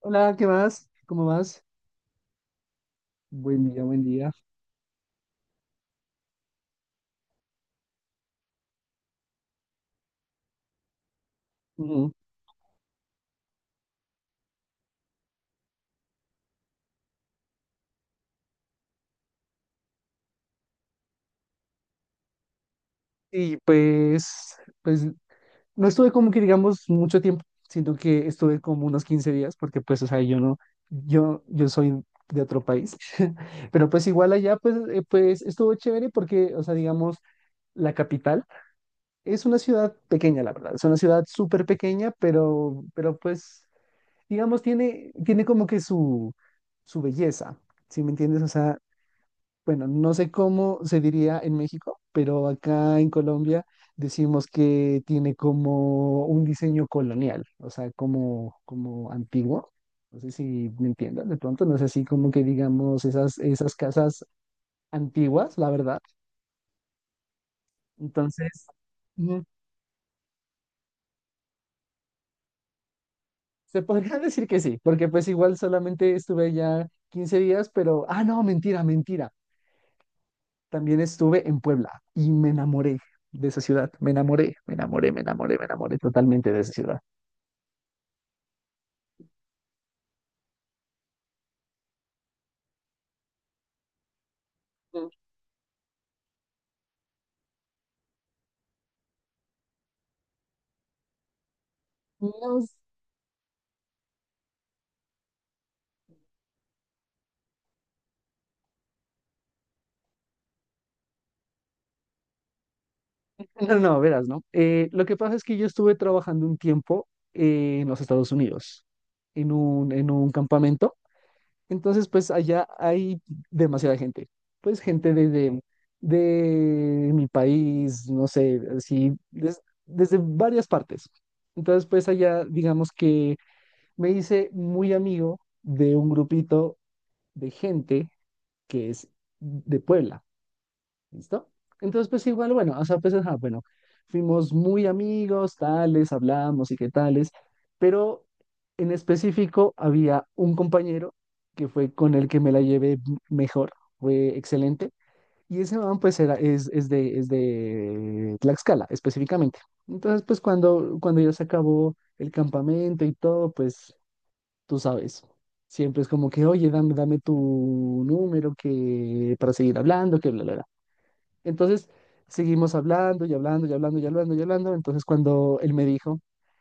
Hola, ¿qué más? ¿Cómo vas? Buen día, buen día. Ujú. Y pues, pues no estuve como que digamos mucho tiempo, siento que estuve como unos 15 días, porque pues, o sea, yo no, yo soy de otro país, pero pues igual allá pues, pues estuvo chévere porque, o sea, digamos, la capital es una ciudad pequeña, la verdad, es una ciudad súper pequeña, pero pues, digamos, tiene como que su belleza, ¿sí me entiendes? O sea, bueno, no sé cómo se diría en México, pero acá en Colombia decimos que tiene como un diseño colonial, o sea, como, como antiguo. No sé si me entiendan de pronto, no es así como que digamos esas casas antiguas, la verdad. Entonces, mm, se podría decir que sí, porque pues igual solamente estuve allá 15 días, pero, ah, no, mentira, mentira. También estuve en Puebla y me enamoré de esa ciudad. Me enamoré, me enamoré, me enamoré, me enamoré totalmente de esa ciudad. No, no, no, verás, ¿no? Lo que pasa es que yo estuve trabajando un tiempo en los Estados Unidos, en un campamento. Entonces, pues allá hay demasiada gente. Pues gente desde de mi país, no sé, así, desde varias partes. Entonces, pues allá, digamos que me hice muy amigo de un grupito de gente que es de Puebla, ¿listo? Entonces, pues igual, bueno, o sea, pues, ajá, bueno, fuimos muy amigos, tales, hablamos y qué tales, pero en específico había un compañero que fue con el que me la llevé mejor, fue excelente, y ese man, pues, era, es de Tlaxcala, específicamente. Entonces, pues, cuando ya se acabó el campamento y todo, pues tú sabes. Siempre es como que, oye, dame tu número que, para seguir hablando, que bla, bla, bla. Entonces, seguimos hablando y hablando y hablando y hablando y hablando. Entonces, cuando él me dijo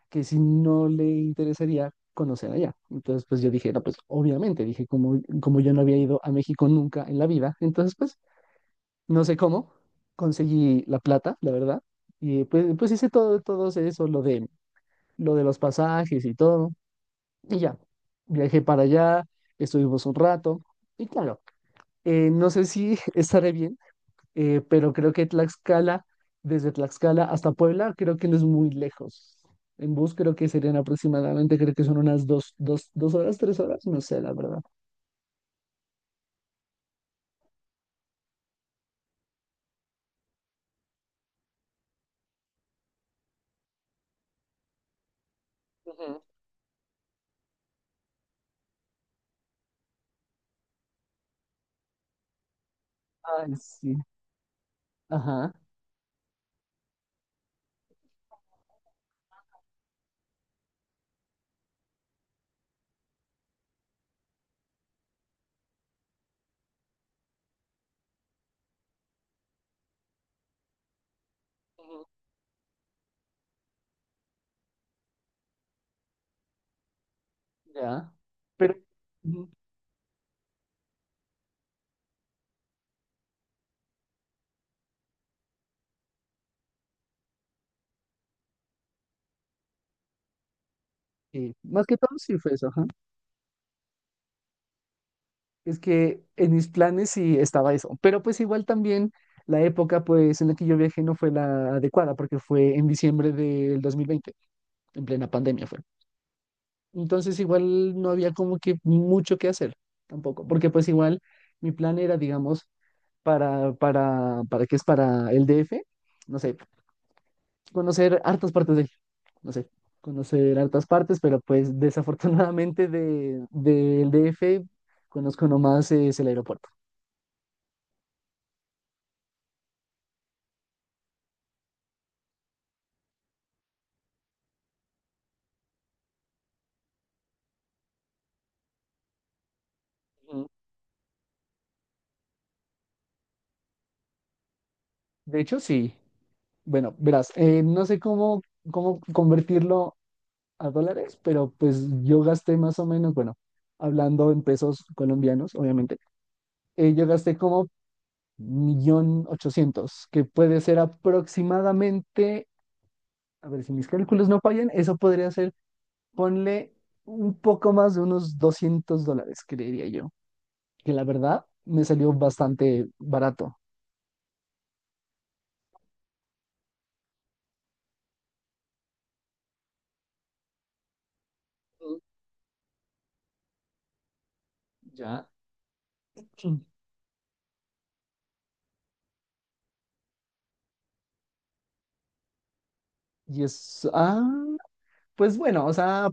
que si no le interesaría conocer allá. Entonces, pues yo dije, no, pues obviamente, dije, como, como yo no había ido a México nunca en la vida, entonces, pues, no sé cómo, conseguí la plata, la verdad, y pues, pues hice todo, todo eso, lo de los pasajes y todo. Y ya, viajé para allá, estuvimos un rato y claro, no sé si estaré bien, pero creo que Tlaxcala, desde Tlaxcala hasta Puebla, creo que no es muy lejos. En bus creo que serían aproximadamente, creo que son unas dos horas, tres horas, no sé, la verdad. Ujú. Ay, sí, ajá, ujú, ya. Pero ujú, sí, más que todo sí fue eso, ajá. Es que en mis planes sí estaba eso, pero pues igual también la época pues en la que yo viajé no fue la adecuada porque fue en diciembre del 2020 en plena pandemia fue. Entonces igual no había como que mucho que hacer tampoco, porque pues igual mi plan era, digamos, para qué es para el DF, no sé, conocer hartas partes de, no sé, conocer hartas partes, pero pues desafortunadamente de, del DF conozco nomás es el aeropuerto. De hecho, sí. Bueno, verás, no sé cómo, cómo convertirlo a dólares, pero pues yo gasté más o menos, bueno, hablando en pesos colombianos, obviamente, yo gasté como millón ochocientos, que puede ser aproximadamente, a ver si mis cálculos no fallan, eso podría ser, ponle un poco más de unos 200 dólares, creería yo, que la verdad me salió bastante barato. Mm, ya. Mm. Y es, ah, pues bueno, o sea,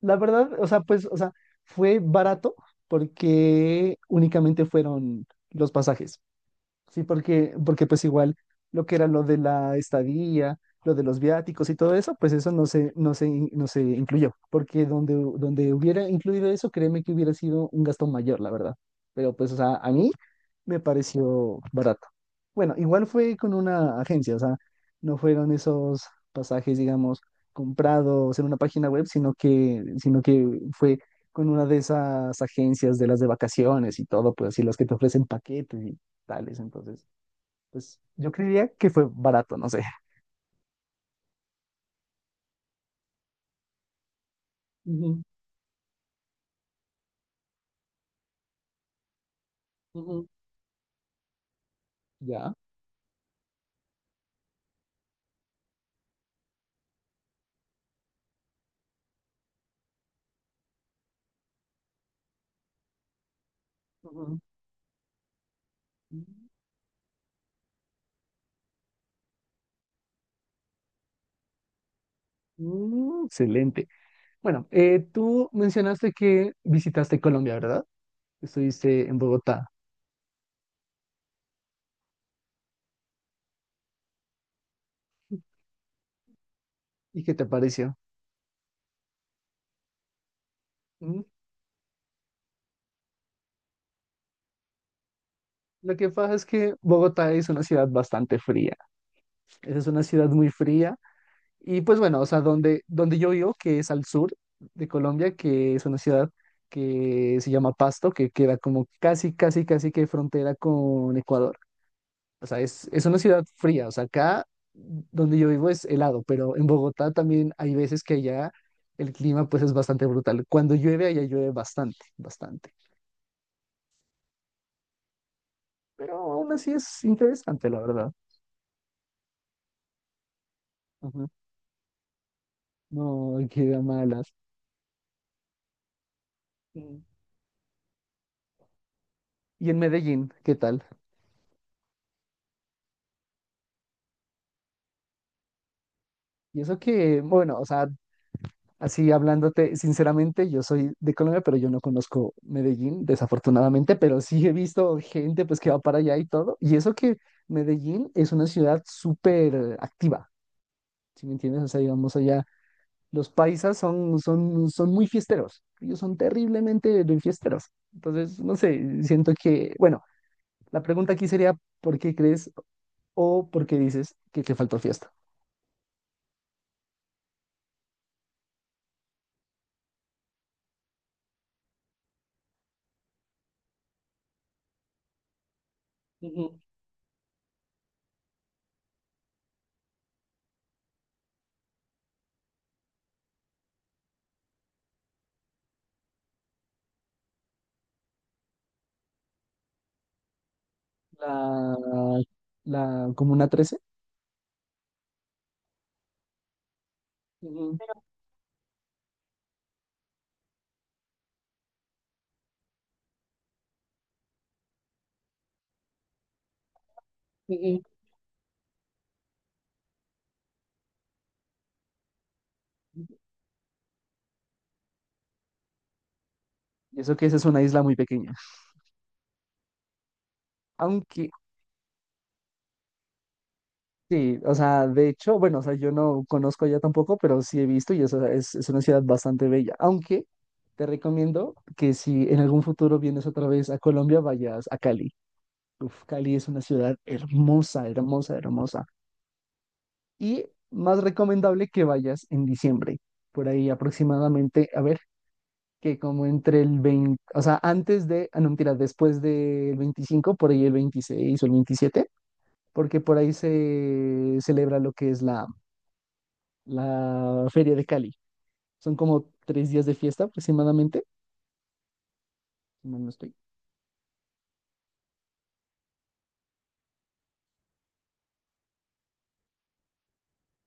la verdad, o sea, pues, o sea, fue barato porque únicamente fueron los pasajes, ¿sí? Porque, porque pues igual lo que era lo de la estadía, lo de los viáticos y todo eso, pues eso no se incluyó, porque donde hubiera incluido eso, créeme que hubiera sido un gasto mayor, la verdad. Pero pues, o sea, a mí me pareció barato. Bueno, igual fue con una agencia, o sea, no fueron esos pasajes, digamos, comprados en una página web, sino que fue con una de esas agencias de las de vacaciones y todo, pues así las que te ofrecen paquetes y tales. Entonces, pues yo creería que fue barato, no sé. Ujú, ujú, ya, ujú. Mm, excelente. Bueno, tú mencionaste que visitaste Colombia, ¿verdad? Estuviste en Bogotá. ¿Y qué te pareció? Mm, lo que pasa es que Bogotá es una ciudad bastante fría. Es una ciudad muy fría. Y pues bueno, o sea, donde yo vivo, que es al sur de Colombia, que es una ciudad que se llama Pasto, que queda como casi que frontera con Ecuador. O sea, es una ciudad fría. O sea, acá donde yo vivo es helado, pero en Bogotá también hay veces que allá el clima pues es bastante brutal. Cuando llueve, allá llueve bastante, bastante. Pero aún así es interesante, la verdad. No, qué malas. Mm. Y en Medellín, ¿qué tal? Y eso que, bueno, o sea, así hablándote, sinceramente, yo soy de Colombia, pero yo no conozco Medellín, desafortunadamente, pero sí he visto gente pues que va para allá y todo. Y eso que Medellín es una ciudad súper activa, ¿sí me entiendes? O sea, digamos allá, los paisas son muy fiesteros, ellos son terriblemente de fiesteros. Entonces, no sé, siento que, bueno, la pregunta aquí sería, ¿por qué crees? O porque dices que te faltó fiesta. Ujú, la, la Comuna Trece, ujú, ujú. Y eso que esa es una isla muy pequeña. Aunque, sí, o sea, de hecho, bueno, o sea, yo no conozco allá tampoco, pero sí he visto y eso es una ciudad bastante bella. Aunque te recomiendo que si en algún futuro vienes otra vez a Colombia, vayas a Cali. Uf, Cali es una ciudad hermosa, hermosa, hermosa. Y más recomendable que vayas en diciembre, por ahí aproximadamente, a ver. Que como entre el 20, o sea, antes de, ah, no mentira, después del 25 por ahí el 26 o el 27, porque por ahí se celebra lo que es la, la Feria de Cali. Son como tres días de fiesta aproximadamente, si mal no estoy.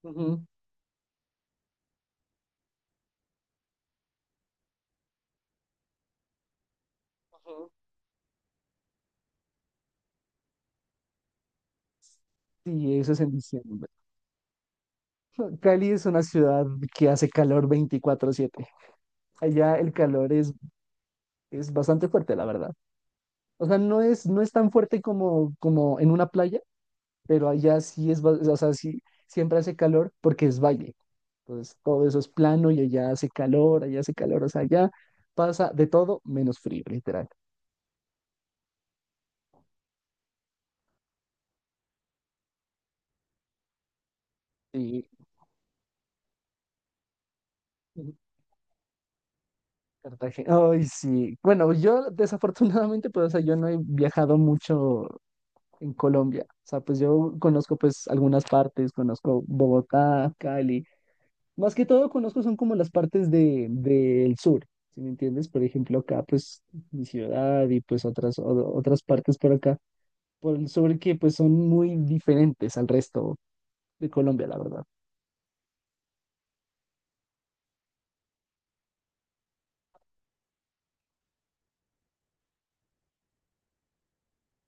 Ujú, ujú. Sí, eso es en diciembre. Cali es una ciudad que hace calor veinticuatro siete. Allá el calor es bastante fuerte, la verdad. O sea, no es tan fuerte como, como en una playa, pero allá sí es, o sea, sí, siempre hace calor porque es valle. Entonces, todo eso es plano y allá hace calor, o sea, allá pasa de todo menos frío, literal. Y Cartagena, ay, sí. Bueno, yo desafortunadamente, pues, o sea, yo no he viajado mucho en Colombia. O sea, pues yo conozco pues algunas partes, conozco Bogotá, Cali. Más que todo conozco son como las partes de, del sur, ¿si me entiendes? Por ejemplo, acá pues mi ciudad y pues otras partes por acá, por el sur que pues son muy diferentes al resto de Colombia, la verdad.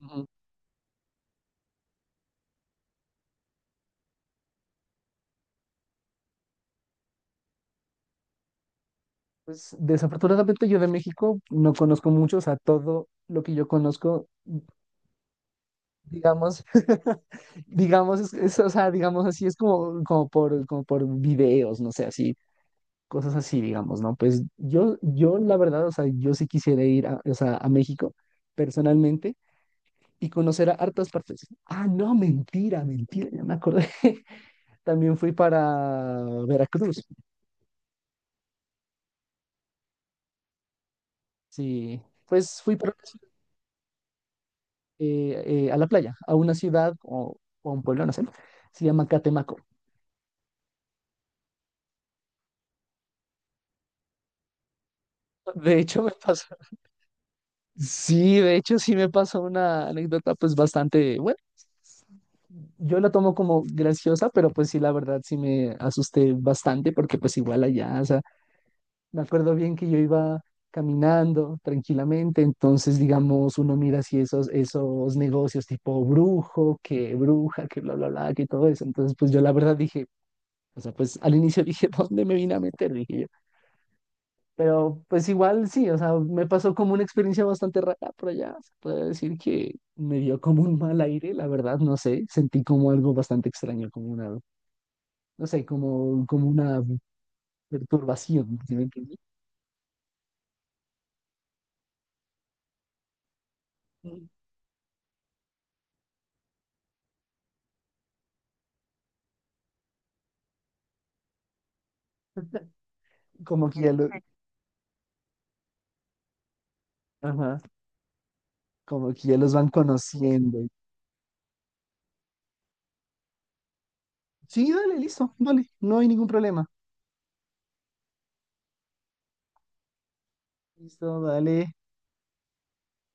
Ujú. Pues desafortunadamente yo de México no conozco mucho, o sea, todo lo que yo conozco, digamos, digamos, o sea, digamos así, es como, como por videos, no sé, así cosas así, digamos, ¿no? Pues yo la verdad, o sea, yo sí quisiera ir a, o sea, a México personalmente y conocer a hartas partes. Ah, no, mentira, mentira, ya me acordé. También fui para Veracruz, sí, pues fui para, una ciudad, a la playa, a una ciudad o a un pueblo, no sé, se llama Catemaco. De hecho, me pasó, sí, de hecho, sí me pasó una anécdota pues bastante buena. Yo la tomo como graciosa, pero pues sí, la verdad sí me asusté bastante porque pues igual allá, o sea, me acuerdo bien que yo iba caminando tranquilamente, entonces digamos uno mira así esos negocios tipo brujo, que bruja, que bla, bla, bla, que todo eso, entonces pues yo la verdad dije, o sea, pues al inicio dije, ¿dónde me vine a meter? Dije yo, pero pues igual sí, o sea, me pasó como una experiencia bastante rara por allá, se puede decir que me dio como un mal aire, la verdad, no sé, sentí como algo bastante extraño, como una no sé, como, como una perturbación, ¿sí me entiendes? Sí. Como que ya lo- ajá, como que ya los van conociendo. Sí, dale, listo, dale, no hay ningún problema. Listo, dale.